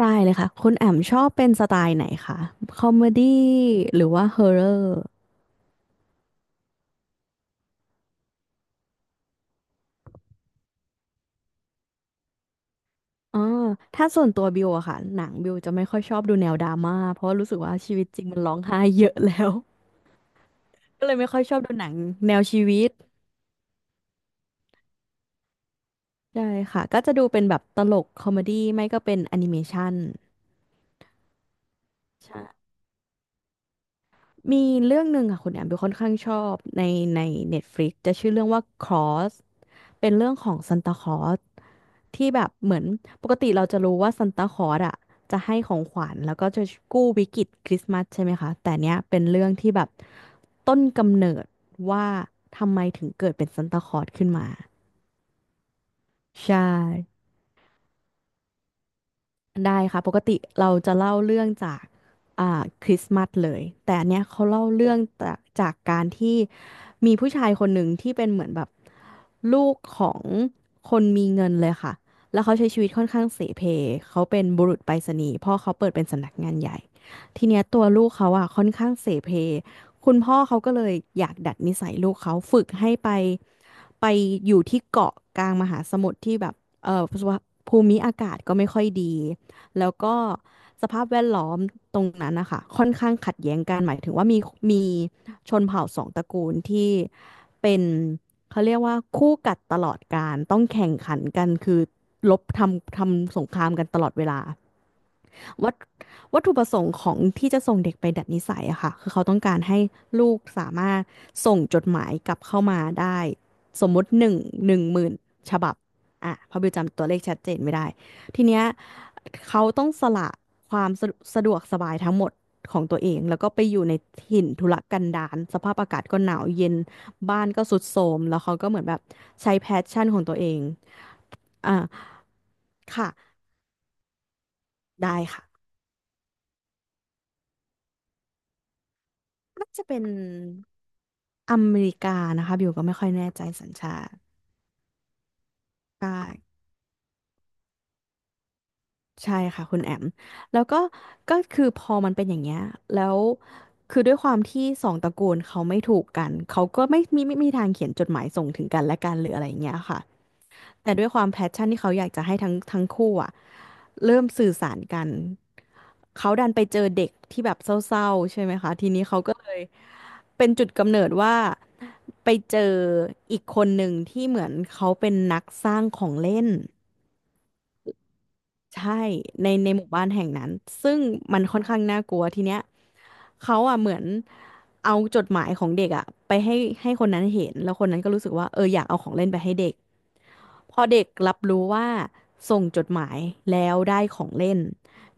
ได้เลยค่ะคุณแอมชอบเป็นสไตล์ไหนคะคอมเมดี้หรือว่าฮอร์เรอร์อ๋อถ้าส่วนตัวบิวอะค่ะหนังบิวจะไม่ค่อยชอบดูแนวดราม่าเพราะรู้สึกว่าชีวิตจริงมันร้องไห้เยอะแล้ว ก็เลยไม่ค่อยชอบดูหนังแนวชีวิตใช่ค่ะก็จะดูเป็นแบบตลกคอมเมดี้ไม่ก็เป็นแอนิเมชันใช่ มีเรื่องหนึ่งค่ะคุณแอมดูค่อนข้างชอบในใน Netflix จะชื่อเรื่องว่า Cross เป็นเรื่องของซันตาคลอสที่แบบเหมือนปกติเราจะรู้ว่าซันตาคลอสอ่ะจะให้ของขวัญแล้วก็จะกู้วิกฤตคริสต์มาสใช่ไหมคะแต่เนี้ยเป็นเรื่องที่แบบต้นกำเนิดว่าทำไมถึงเกิดเป็นซันตาคลอสขึ้นมาใช่ ได้ค่ะปกติเราจะเล่าเรื่องจากคริสต์มาสเลยแต่อันเนี้ยเขาเล่าเรื่องจากการที่มีผู้ชายคนหนึ่งที่เป็นเหมือนแบบลูกของคนมีเงินเลยค่ะแล้วเขาใช้ชีวิตค่อนข้างเสเพเขาเป็นบุรุษไปรษณีย์พ่อเขาเปิดเป็นสำนักงานใหญ่ทีเนี้ยตัวลูกเขาอ่ะค่อนข้างเสเพคุณพ่อเขาก็เลยอยากดัดนิสัยลูกเขาฝึกให้ไปไปอยู่ที่เกาะกลางมหาสมุทรที่แบบเออภูมิอากาศก็ไม่ค่อยดี แล้วก็สภาพแวดล้อมตรงนั้นนะคะค่อนข้างขัดแย้งกันหมายถึงว่ามีมีชนเผ่าสองตระกูลที่เป็นเขาเรียกว่าคู่กัดตลอดกาลต้องแข่งขันกันคือรบทำสงครามกันตลอดเวลา วัตวัตถุประสงค์ของที่จะส่งเด็กไปดัดนิสัยอะค่ะคือเขาต้องการให้ลูกสามารถส่งจดหมายกลับเข้ามาได้สมมุติ10,000ฉบับอ่ะเพราะบิวจำตัวเลขชัดเจนไม่ได้ทีเนี้ยเขาต้องสละความสะดวกสบายทั้งหมดของตัวเองแล้วก็ไปอยู่ในถิ่นทุรกันดารสภาพอากาศก็หนาวเย็นบ้านก็สุดโทรมแล้วเขาก็เหมือนแบบใช้แพชชั่นของตัวเองอ่าค่ะได้ค่ะน่าจะเป็น อเมริกานะคะบิวก็ไม่ค่อยแน่ใจสัญชาติใช่ใช่ค่ะคุณแอมแล้วก็ก็คือพอมันเป็นอย่างเงี้ยแล้วคือด้วยความที่สองตระกูลเขาไม่ถูกกันเขาก็ไม่มีทางเขียนจดหมายส่งถึงกันและกันหรืออะไรอย่างเงี้ยค่ะ แต่ด้วยความแพชชั่นที่เขาอยากจะให้ทั้งคู่อะเริ่มสื่อสารกันเขาดันไปเจอเด็กที่แบบเศร้าๆใช่ไหมคะทีนี้เขาก็เลยเป็นจุดกำเนิดว่าไปเจออีกคนหนึ่งที่เหมือนเขาเป็นนักสร้างของเล่น ใช่ในหมู่บ้านแห่งนั้นซึ่งมันค่อนข้างน่ากลัวทีเนี้ยเขาอ่ะเหมือนเอาจดหมายของเด็กอ่ะไปให้คนนั้นเห็นแล้วคนนั้นก็รู้สึกว่าเอออยากเอาของเล่นไปให้เด็กพอเด็กรับรู้ว่าส่งจดหมายแล้วได้ของเล่น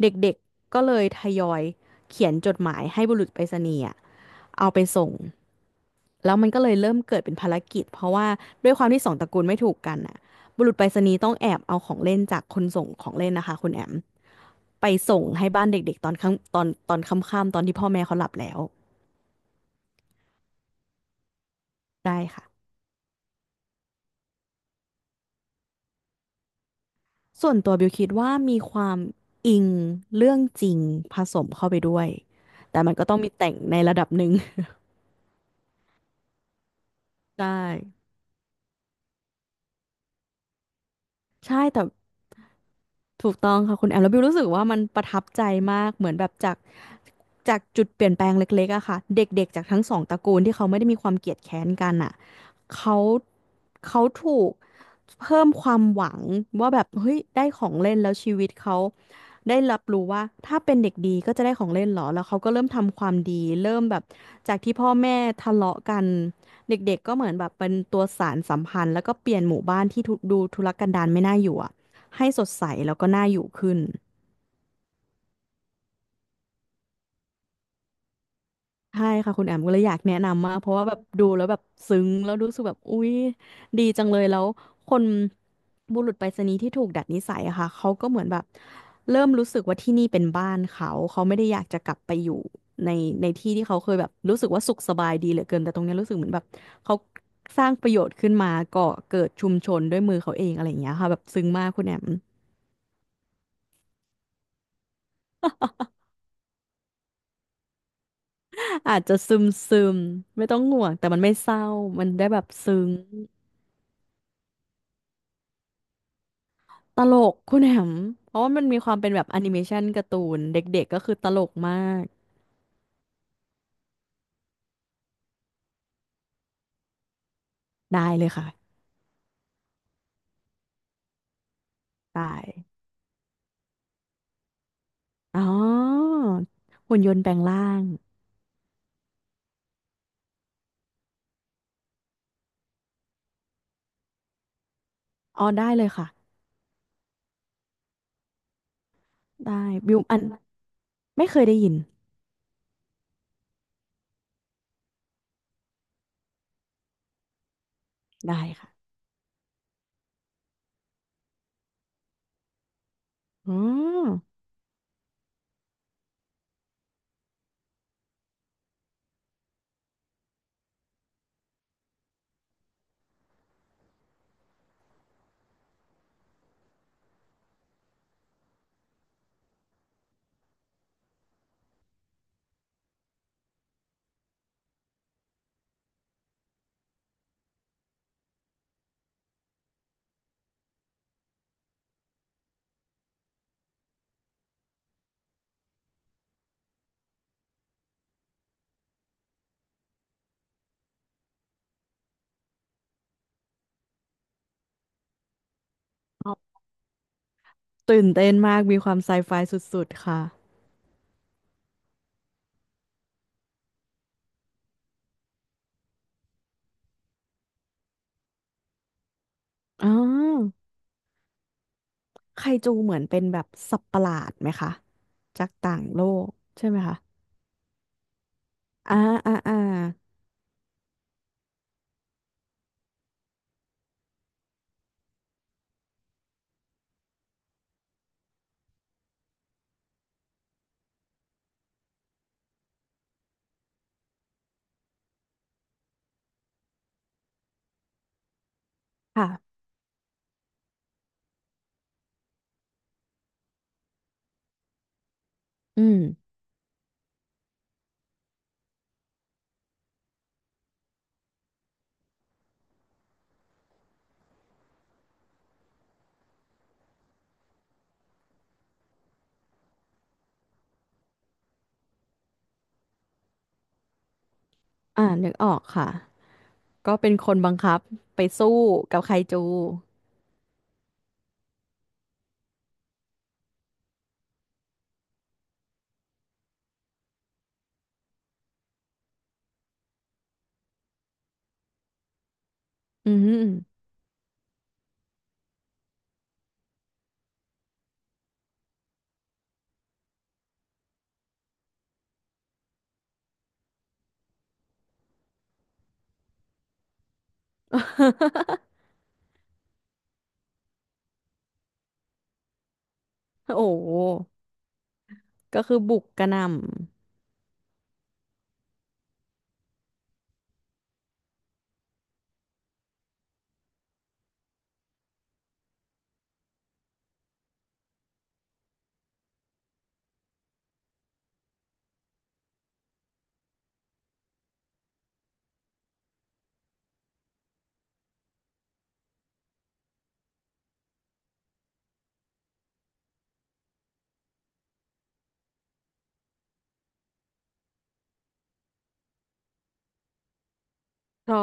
เด็กๆก็เลยทยอยเขียนจดหมายให้บุรุษไปรษณีย์อะเอาไปส่งแล้วมันก็เลยเริ่มเกิดเป็นภารกิจเพราะว่าด้วยความที่สองตระกูลไม่ถูกกันอ่ะบุรุษไปรษณีย์ต้องแอบเอาของเล่นจากคนส่งของเล่นนะคะคุณแอม ไปส่งให้บ้านเด็กๆตอนค่ำตอนค่ำๆตอนที่พ่อแม่เขาหลับแล้วได้ค่ะส่วนตัวบิวคิดว่ามีความอิงเรื่องจริงผสมเข้าไปด้วยแต่มันก็ต้องมีแต่งในระดับหนึ่ง ใช่ใช่แต่ ถูกต้องค่ะคุณแอมแล้วบิวรู้สึกว่ามันประทับใจมากเหมือนแบบจากจุดเปลี่ยนแปลงเล็กๆอะค่ะเด็กๆจากทั้งสองตระกูลที่เขาไม่ได้มีความเกลียดแค้นกันอะเขาถูกเพิ่มความหวังว่าแบบเฮ้ยได้ของเล่นแล้วชีวิตเขาได้รับรู้ว่าถ้าเป็นเด็กดีก็จะได้ของเล่นเหรอแล้วเขาก็เริ่มทำความดีเริ่มแบบจากที่พ่อแม่ทะเลาะกันเด็กๆก็เหมือนแบบเป็นตัวสานสัมพันธ์แล้วก็เปลี่ยนหมู่บ้านที่ทุดูทุรกันดารไม่น่าอยู่อะ ให้สดใสแล้วก็น่าอยู่ขึ้นใช่ค่ะคุณแอมก็เลยอยากแนะนำมากเพราะว่าแบบดูแล้วแบบซึ้งแล้วรู้สึกแบบอุ๊ยดีจังเลยแล้วคนบุรุษไปรษณีย์ที่ถูกดัดนิสัยอะค่ะเขาก็เหมือนแบบเริ่มรู้สึกว่าที่นี่เป็นบ้านเขาเขาไม่ได้อยากจะกลับไปอยู่ในในที่ที่เขาเคยแบบรู้สึกว่าสุขสบายดีเหลือเกินแต่ตรงเนี้ยรู้สึกเหมือนแบบเขาสร้างประโยชน์ขึ้นมาก่อเกิดชุมชนด้วยมือเขาเองอะไรอย่างเงี้ยค่ะแบบซึ้งมากคุณแอม อาจจะซึมซึมไม่ต้องห่วงแต่มันไม่เศร้ามันได้แบบซึ้งตลกคุณแหม่มเพราะว่ามันมีความเป็นแบบแอนิเมชันการ์ตูนเด็กๆก็คือตลกมากได้เลยค่ะได้อ๋อหุ่นยนต์แปลงร่างอ๋อได้เลยค่ะได้บิวอันไม่เคยได้ยินได้ค่ะอ๋ออ๋อตื่นเต้นมากมีความไซไฟสุดๆค่ะอ๋อไคจูเหมือนเป็นแบบสัตว์ประหลาดไหมคะจากต่างโลกใช่ไหมคะ อ่าอ่าค่ะอืมอ่านึกออกค่ะก็เป็นคนบังคับไปสู้กับไคจูอืม โอ้โหก็คือบุกกระหน่ำเพราะ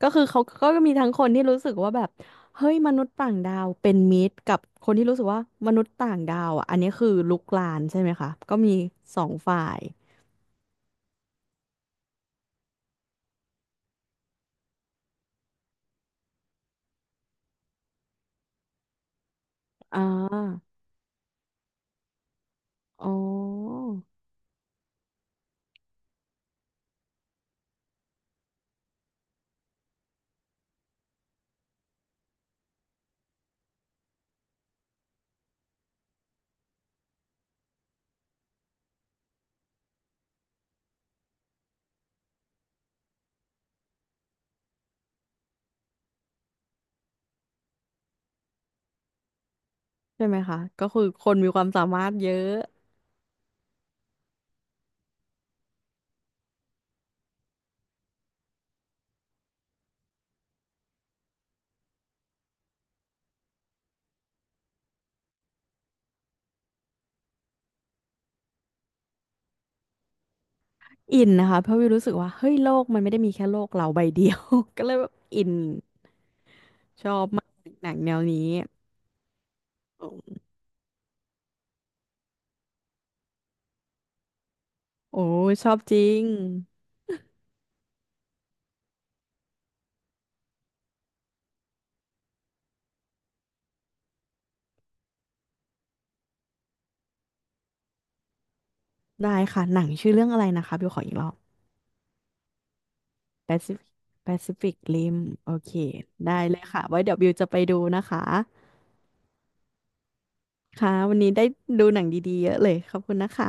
ก็คือเขาก็มีทั้งคนที่รู้สึกว่าแบบเฮ้ยมนุษย์ต่างดาวเป็นมิตรกับคนที่รู้สึกว่ามนุษย์ต่างดาวอ่ะอันนี้คือลุกลานใช่ไหมคะก็มีสองฝ่ายอ่าอ๋อใช่ไหมคะก็คือคนมีความสามารถเยอะ อินนะคะเพราะวิวรู้สึกว่าเฮ้ยโลกมันไม่ได้มีแค่โลกเราใบเดียว ก็เลยแบบอินชอบมากหนังแนวนี้โอ้ชอบจริงได้ค่ะหนังชื่อเรื่องอะไรนะคะบิวขออีกรอบ Pacific Pacific Rim โอเคได้เลยค่ะไว้เดี๋ยวบิวจะไปดูนะคะค่ะวันนี้ได้ดูหนังดีๆเยอะเลยขอบคุณนะคะ